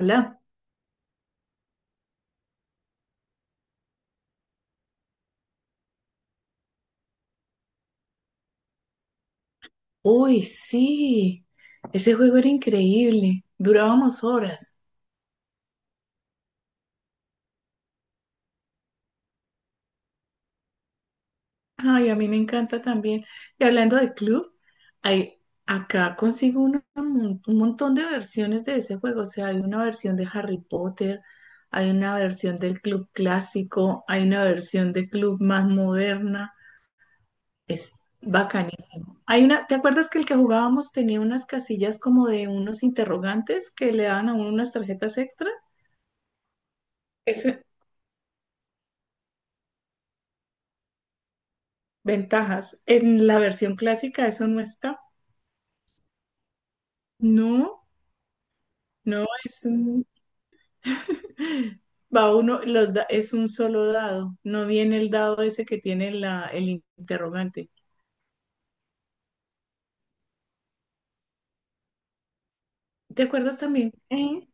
Hola. Uy, sí. Ese juego era increíble. Durábamos horas. Ay, a mí me encanta también. Y hablando de club, hay, acá consigo un montón de versiones de ese juego. O sea, hay una versión de Harry Potter, hay una versión del club clásico, hay una versión de club más moderna. Es bacanísimo. Hay una, ¿te acuerdas que el que jugábamos tenía unas casillas como de unos interrogantes que le daban a uno unas tarjetas extra? Ventajas. En la versión clásica eso no está. No, no, va uno, es un solo dado. No viene el dado ese que tiene el interrogante. ¿Te acuerdas también?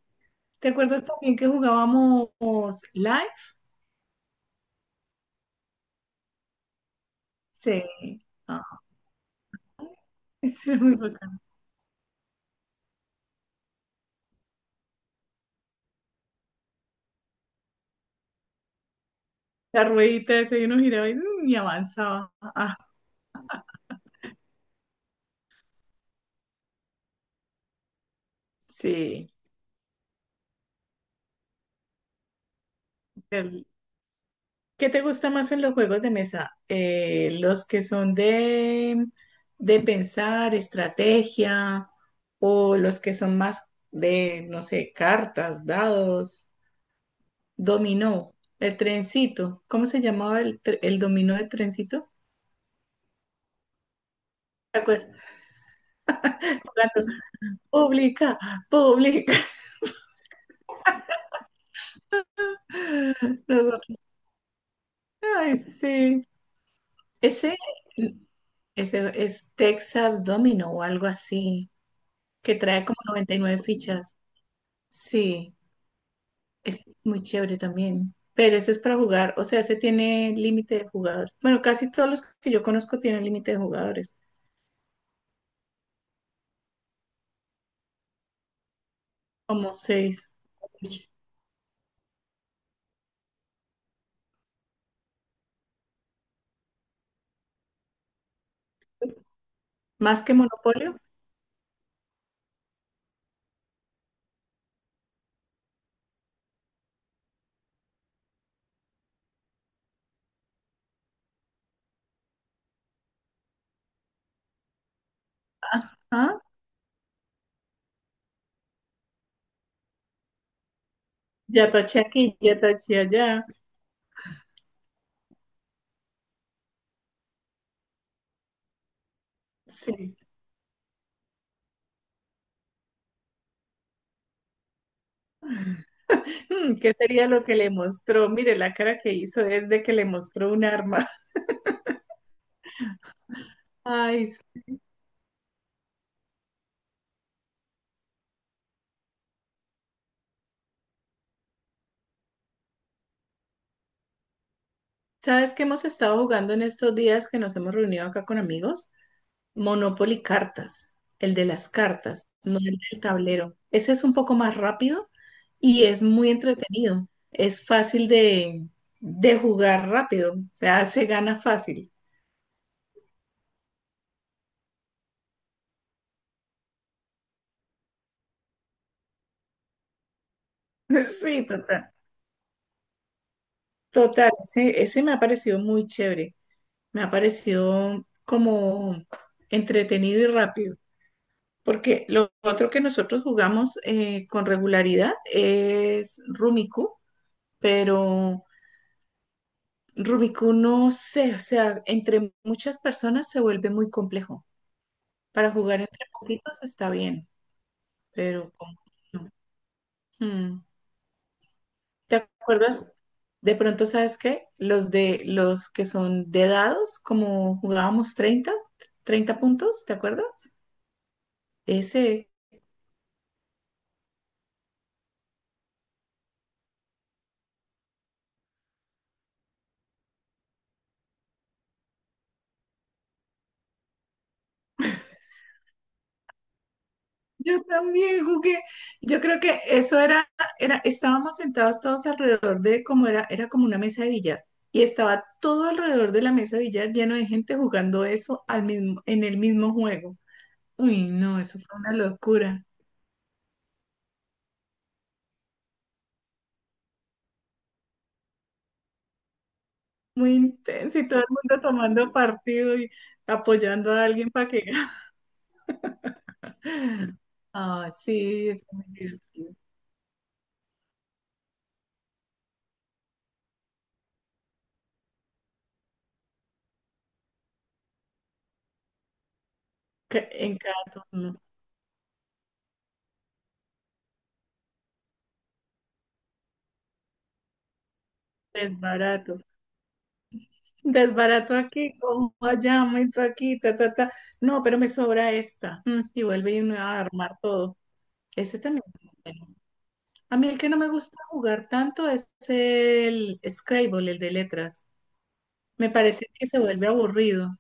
¿Te acuerdas también que jugábamos live? Sí. Ah, eso era muy bacán. La ruedita ese y uno giraba y, y avanzaba. Ah, sí. ¿Qué te gusta más en los juegos de mesa? ¿Los que son de pensar, estrategia, o los que son más de, no sé, cartas, dados, dominó, el trencito? ¿Cómo se llamaba el dominó de trencito? ¿Te acuerdas? Jugando, pública, pública. Nosotros, ay, sí. Ese, es Texas Domino o algo así, que trae como 99 fichas. Sí. Es muy chévere también. Pero ese es para jugar, o sea, ese tiene límite de jugadores. Bueno, casi todos los que yo conozco tienen límite de jugadores, como seis. Más que Monopolio. Ah, ya taché aquí, ya taché allá. Sí. ¿Qué sería lo que le mostró? Mire, la cara que hizo es de que le mostró un arma. Ay, ¿sabes qué hemos estado jugando en estos días que nos hemos reunido acá con amigos? Monopoly Cartas, el de las cartas, no el del tablero. Ese es un poco más rápido y es muy entretenido. Es fácil de jugar rápido, o sea, se gana fácil. Sí, total. Total, ese, me ha parecido muy chévere. Me ha parecido como entretenido y rápido. Porque lo otro que nosotros jugamos con regularidad es Rumiku, pero Rubiku, no sé, o sea, entre muchas personas se vuelve muy complejo. Para jugar entre poquitos está bien, pero no. Mm. ¿Te acuerdas? De pronto, ¿sabes qué? Los de los que son de dados, como jugábamos 30 puntos, ¿te acuerdas? Ese Yo también jugué. Yo creo que eso era, estábamos sentados todos alrededor de como era, era como una mesa de billar. Y estaba todo alrededor de la mesa de billar lleno de gente jugando eso al mismo, en el mismo juego. Uy, no, eso fue una locura. Muy intenso y todo el mundo tomando partido y apoyando a alguien para que gane. Ah, sí, eso es muy divertido. En cada turno, es desbarato aquí, como allá, aumento aquí, ta, ta, ta. No, pero me sobra esta. Y vuelve y me va a armar todo. Ese también es bueno. A mí el que no me gusta jugar tanto es el Scrabble, el de letras. Me parece que se vuelve aburrido.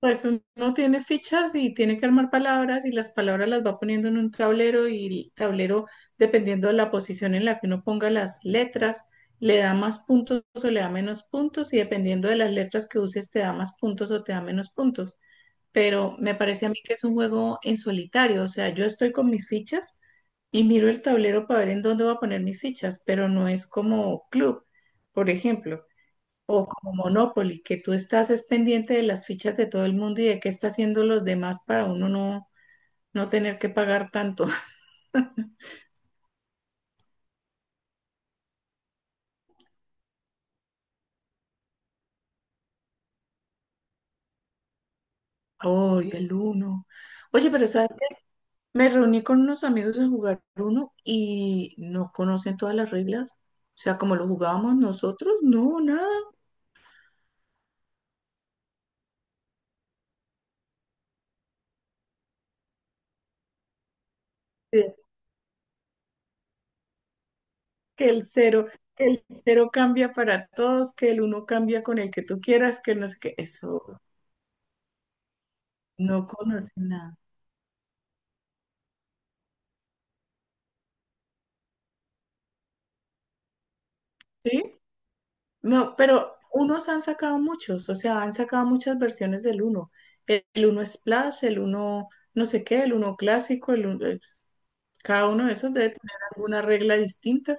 Pues uno tiene fichas y tiene que armar palabras y las palabras las va poniendo en un tablero y el tablero, dependiendo de la posición en la que uno ponga las letras, le da más puntos o le da menos puntos y dependiendo de las letras que uses te da más puntos o te da menos puntos. Pero me parece a mí que es un juego en solitario, o sea, yo estoy con mis fichas y miro el tablero para ver en dónde voy a poner mis fichas, pero no es como club, por ejemplo. O como Monopoly, que tú estás es pendiente de las fichas de todo el mundo y de qué está haciendo los demás para uno no, no tener que pagar tanto. Oh y el uno. Oye, pero ¿sabes qué? Me reuní con unos amigos a jugar uno y no conocen todas las reglas. O sea, como lo jugábamos nosotros, no, nada. Que que el cero, que el cero cambia para todos, que el uno cambia con el que tú quieras, que no sé qué. Eso, no conocen nada. ¿Sí? No, pero unos han sacado muchos, o sea, han sacado muchas versiones del uno. El uno Splash, el uno no sé qué, el uno clásico, cada uno de esos debe tener alguna regla distinta.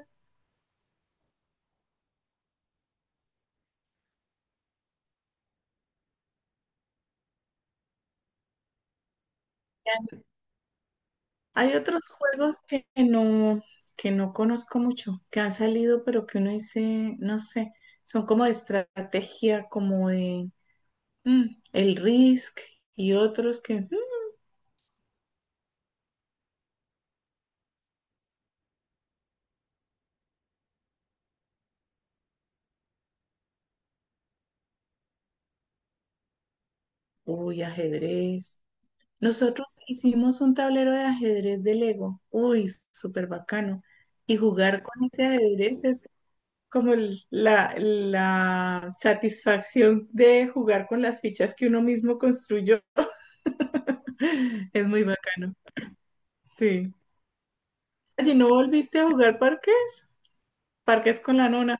Hay otros juegos que no conozco mucho, que han salido, pero que uno dice, no sé, son como de estrategia, como de mm, el Risk y otros que, uy, ajedrez. Nosotros hicimos un tablero de ajedrez de Lego. Uy, súper bacano. Y jugar con ese ajedrez es como la satisfacción de jugar con las fichas que uno mismo construyó. Es muy bacano. Sí. ¿Y no volviste a jugar parques? Parques con la nona.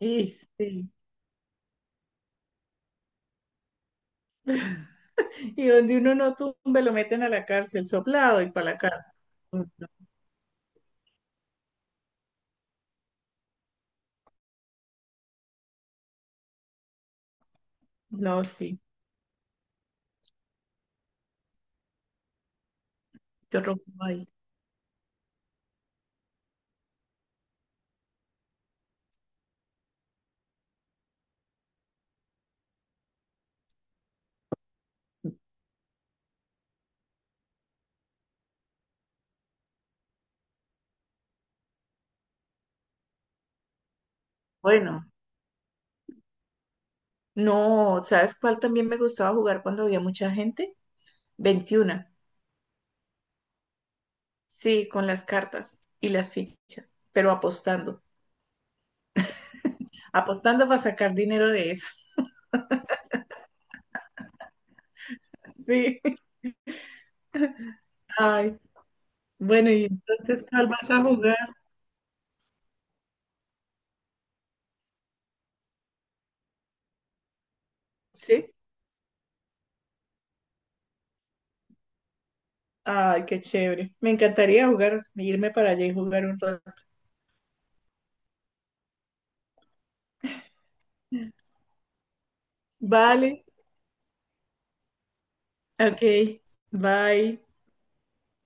Y, sí. Y donde uno no tumbe, lo meten a la cárcel, soplado y para la cárcel. No, sí. Yo rompo ahí. Bueno. No, ¿sabes cuál también me gustaba jugar cuando había mucha gente? 21. Sí, con las cartas y las fichas, pero apostando. Apostando para sacar dinero de eso. Sí. Ay, bueno, ¿y entonces cuál vas a jugar? Sí. Ay, qué chévere. Me encantaría jugar, irme para allá y jugar un rato. Vale, ok. Bye.